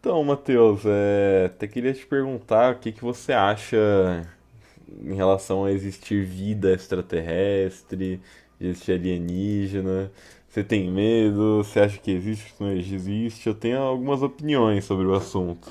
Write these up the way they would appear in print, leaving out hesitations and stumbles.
Então, Matheus, até queria te perguntar o que que você acha em relação a existir vida extraterrestre, existir alienígena. Você tem medo? Você acha que existe, que não existe? Eu tenho algumas opiniões sobre o assunto.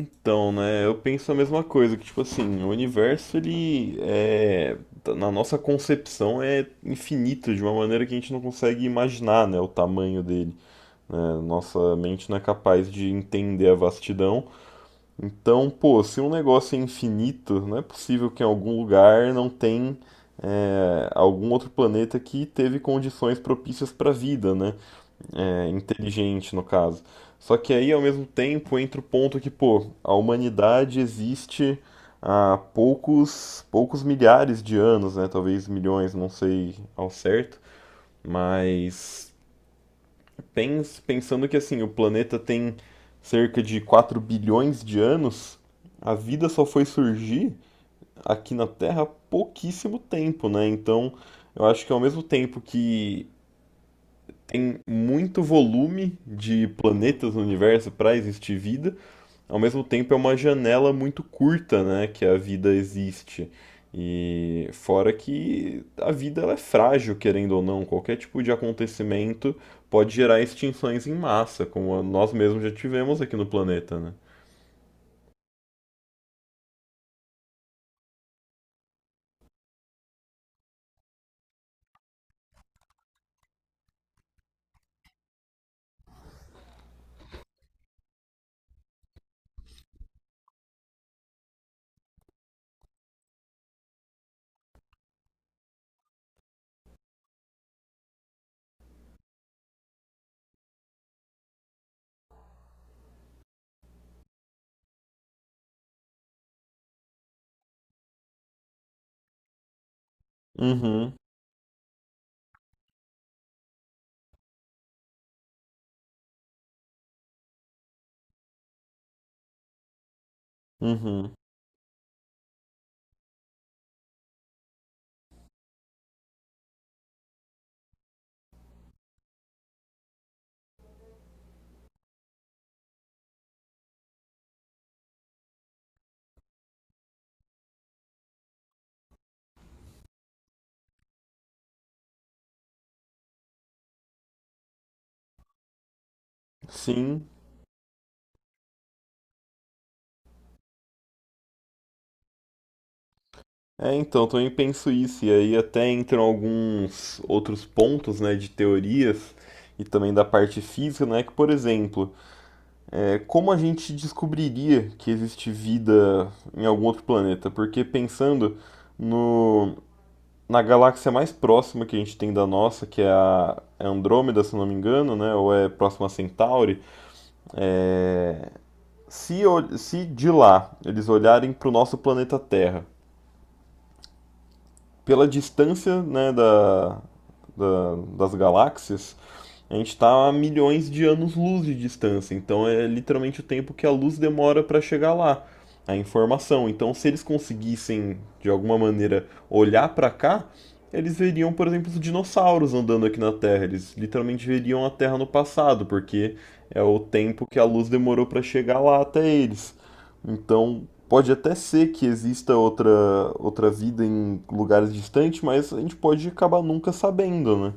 Então, né, eu penso a mesma coisa, que tipo assim, o universo, na nossa concepção é infinito de uma maneira que a gente não consegue imaginar, né, o tamanho dele. Né? Nossa mente não é capaz de entender a vastidão. Então, pô, se um negócio é infinito, não é possível que em algum lugar não tem algum outro planeta que teve condições propícias para vida, né? Inteligente, no caso. Só que aí, ao mesmo tempo, entra o ponto que, pô, a humanidade existe há poucos, poucos milhares de anos, né? Talvez milhões, não sei ao certo, mas pensando que assim, o planeta tem cerca de 4 bilhões de anos, a vida só foi surgir aqui na Terra há pouquíssimo tempo, né? Então, eu acho que ao mesmo tempo que tem muito volume de planetas no universo para existir vida, ao mesmo tempo é uma janela muito curta, né, que a vida existe. E fora que a vida ela é frágil, querendo ou não, qualquer tipo de acontecimento pode gerar extinções em massa, como nós mesmos já tivemos aqui no planeta, né? Uhum, uhum. Sim. Então, eu também penso isso, e aí até entram alguns outros pontos, né, de teorias e também da parte física, né, que, por exemplo, como a gente descobriria que existe vida em algum outro planeta? Porque pensando no, na galáxia mais próxima que a gente tem da nossa, que é a Andrômeda, se não me engano, né? Ou é próxima a Centauri. Se de lá eles olharem para o nosso planeta Terra, pela distância, né, das galáxias, a gente está a milhões de anos-luz de distância, então é literalmente o tempo que a luz demora para chegar lá, a informação. Então, se eles conseguissem, de alguma maneira, olhar para cá, eles veriam, por exemplo, os dinossauros andando aqui na Terra. Eles literalmente veriam a Terra no passado, porque é o tempo que a luz demorou para chegar lá até eles. Então, pode até ser que exista outra, outra vida em lugares distantes, mas a gente pode acabar nunca sabendo, né?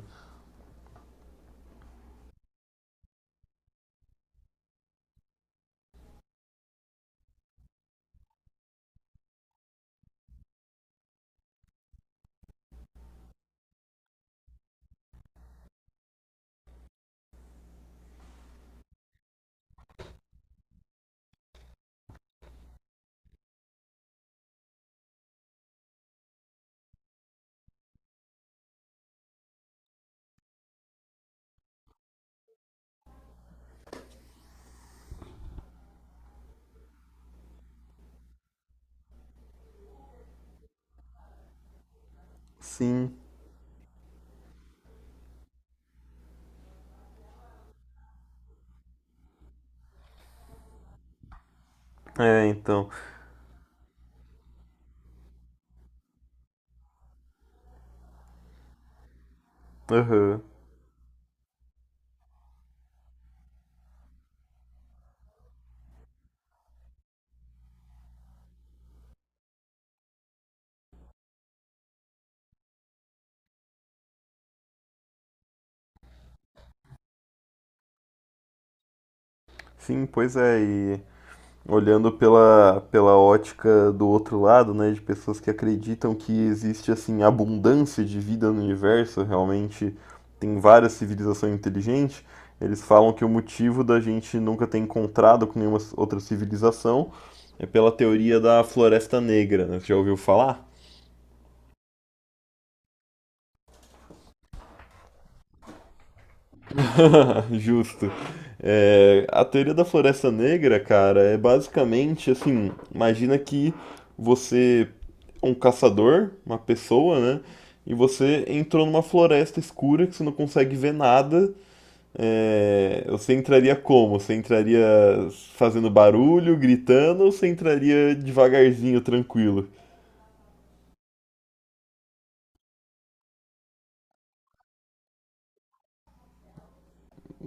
Sim. É, então. Aham. Sim, pois é, e olhando pela ótica do outro lado, né, de pessoas que acreditam que existe assim abundância de vida no universo, realmente tem várias civilizações inteligentes, eles falam que o motivo da gente nunca ter encontrado com nenhuma outra civilização é pela teoria da Floresta Negra, né? Você já ouviu falar? Justo. A teoria da Floresta Negra, cara, é basicamente assim: imagina que você é um caçador, uma pessoa, né? E você entrou numa floresta escura que você não consegue ver nada. Você entraria como? Você entraria fazendo barulho, gritando, ou você entraria devagarzinho, tranquilo?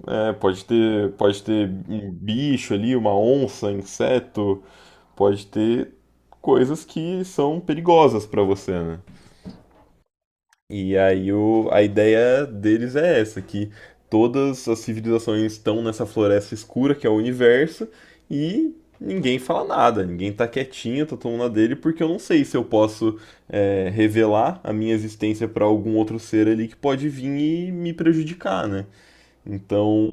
Pode ter, pode ter um bicho ali, uma onça, inseto, pode ter coisas que são perigosas para você, né? E aí a ideia deles é essa, que todas as civilizações estão nessa floresta escura que é o universo e ninguém fala nada, ninguém tá quietinho, tá tomando a dele, porque eu não sei se eu posso revelar a minha existência para algum outro ser ali que pode vir e me prejudicar, né? Então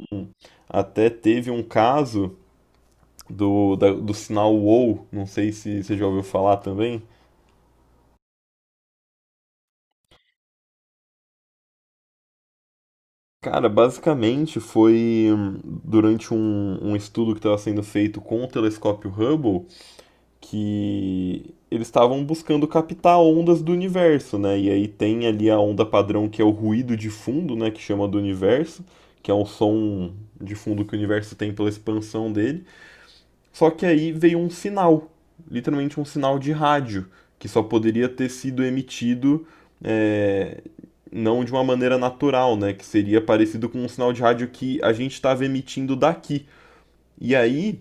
até teve um caso do sinal WoW, não sei se você já ouviu falar também. Cara, basicamente foi durante um estudo que estava sendo feito com o telescópio Hubble que eles estavam buscando captar ondas do universo, né? E aí tem ali a onda padrão que é o ruído de fundo, né? Que chama do universo, que é o som de fundo que o universo tem pela expansão dele. Só que aí veio um sinal, literalmente um sinal de rádio, que só poderia ter sido emitido é, não de uma maneira natural, né? Que seria parecido com um sinal de rádio que a gente estava emitindo daqui. E aí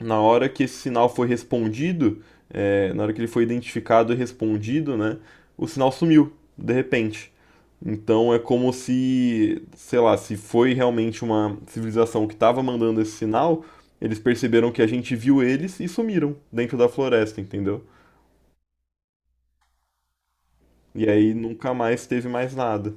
na hora que esse sinal foi respondido, na hora que ele foi identificado e respondido, né, o sinal sumiu, de repente. Então é como se, sei lá, se foi realmente uma civilização que estava mandando esse sinal, eles perceberam que a gente viu eles e sumiram dentro da floresta, entendeu? E aí nunca mais teve mais nada.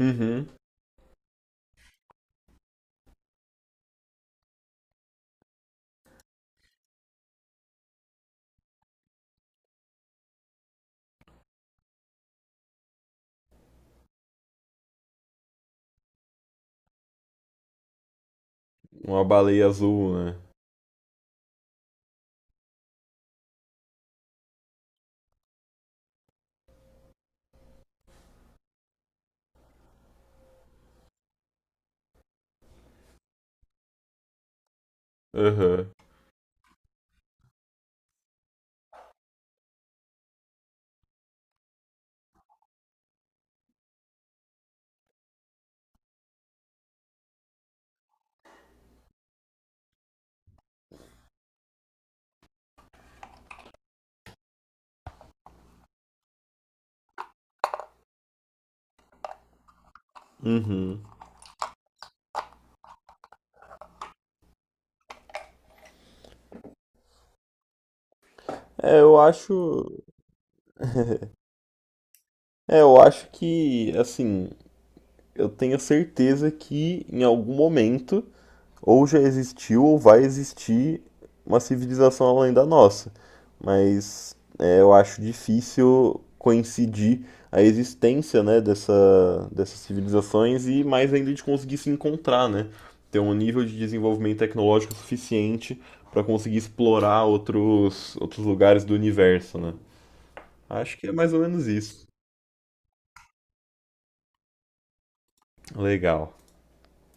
Uhum. Uma baleia azul, né? Aham. Uhum. É, eu acho. Eu acho que, assim, eu tenho certeza que em algum momento ou já existiu ou vai existir uma civilização além da nossa. Mas é, eu acho difícil coincidir a existência, né, dessas civilizações e mais ainda de conseguir se encontrar, né? Ter um nível de desenvolvimento tecnológico suficiente para conseguir explorar outros lugares do universo, né? Acho que é mais ou menos isso. Legal.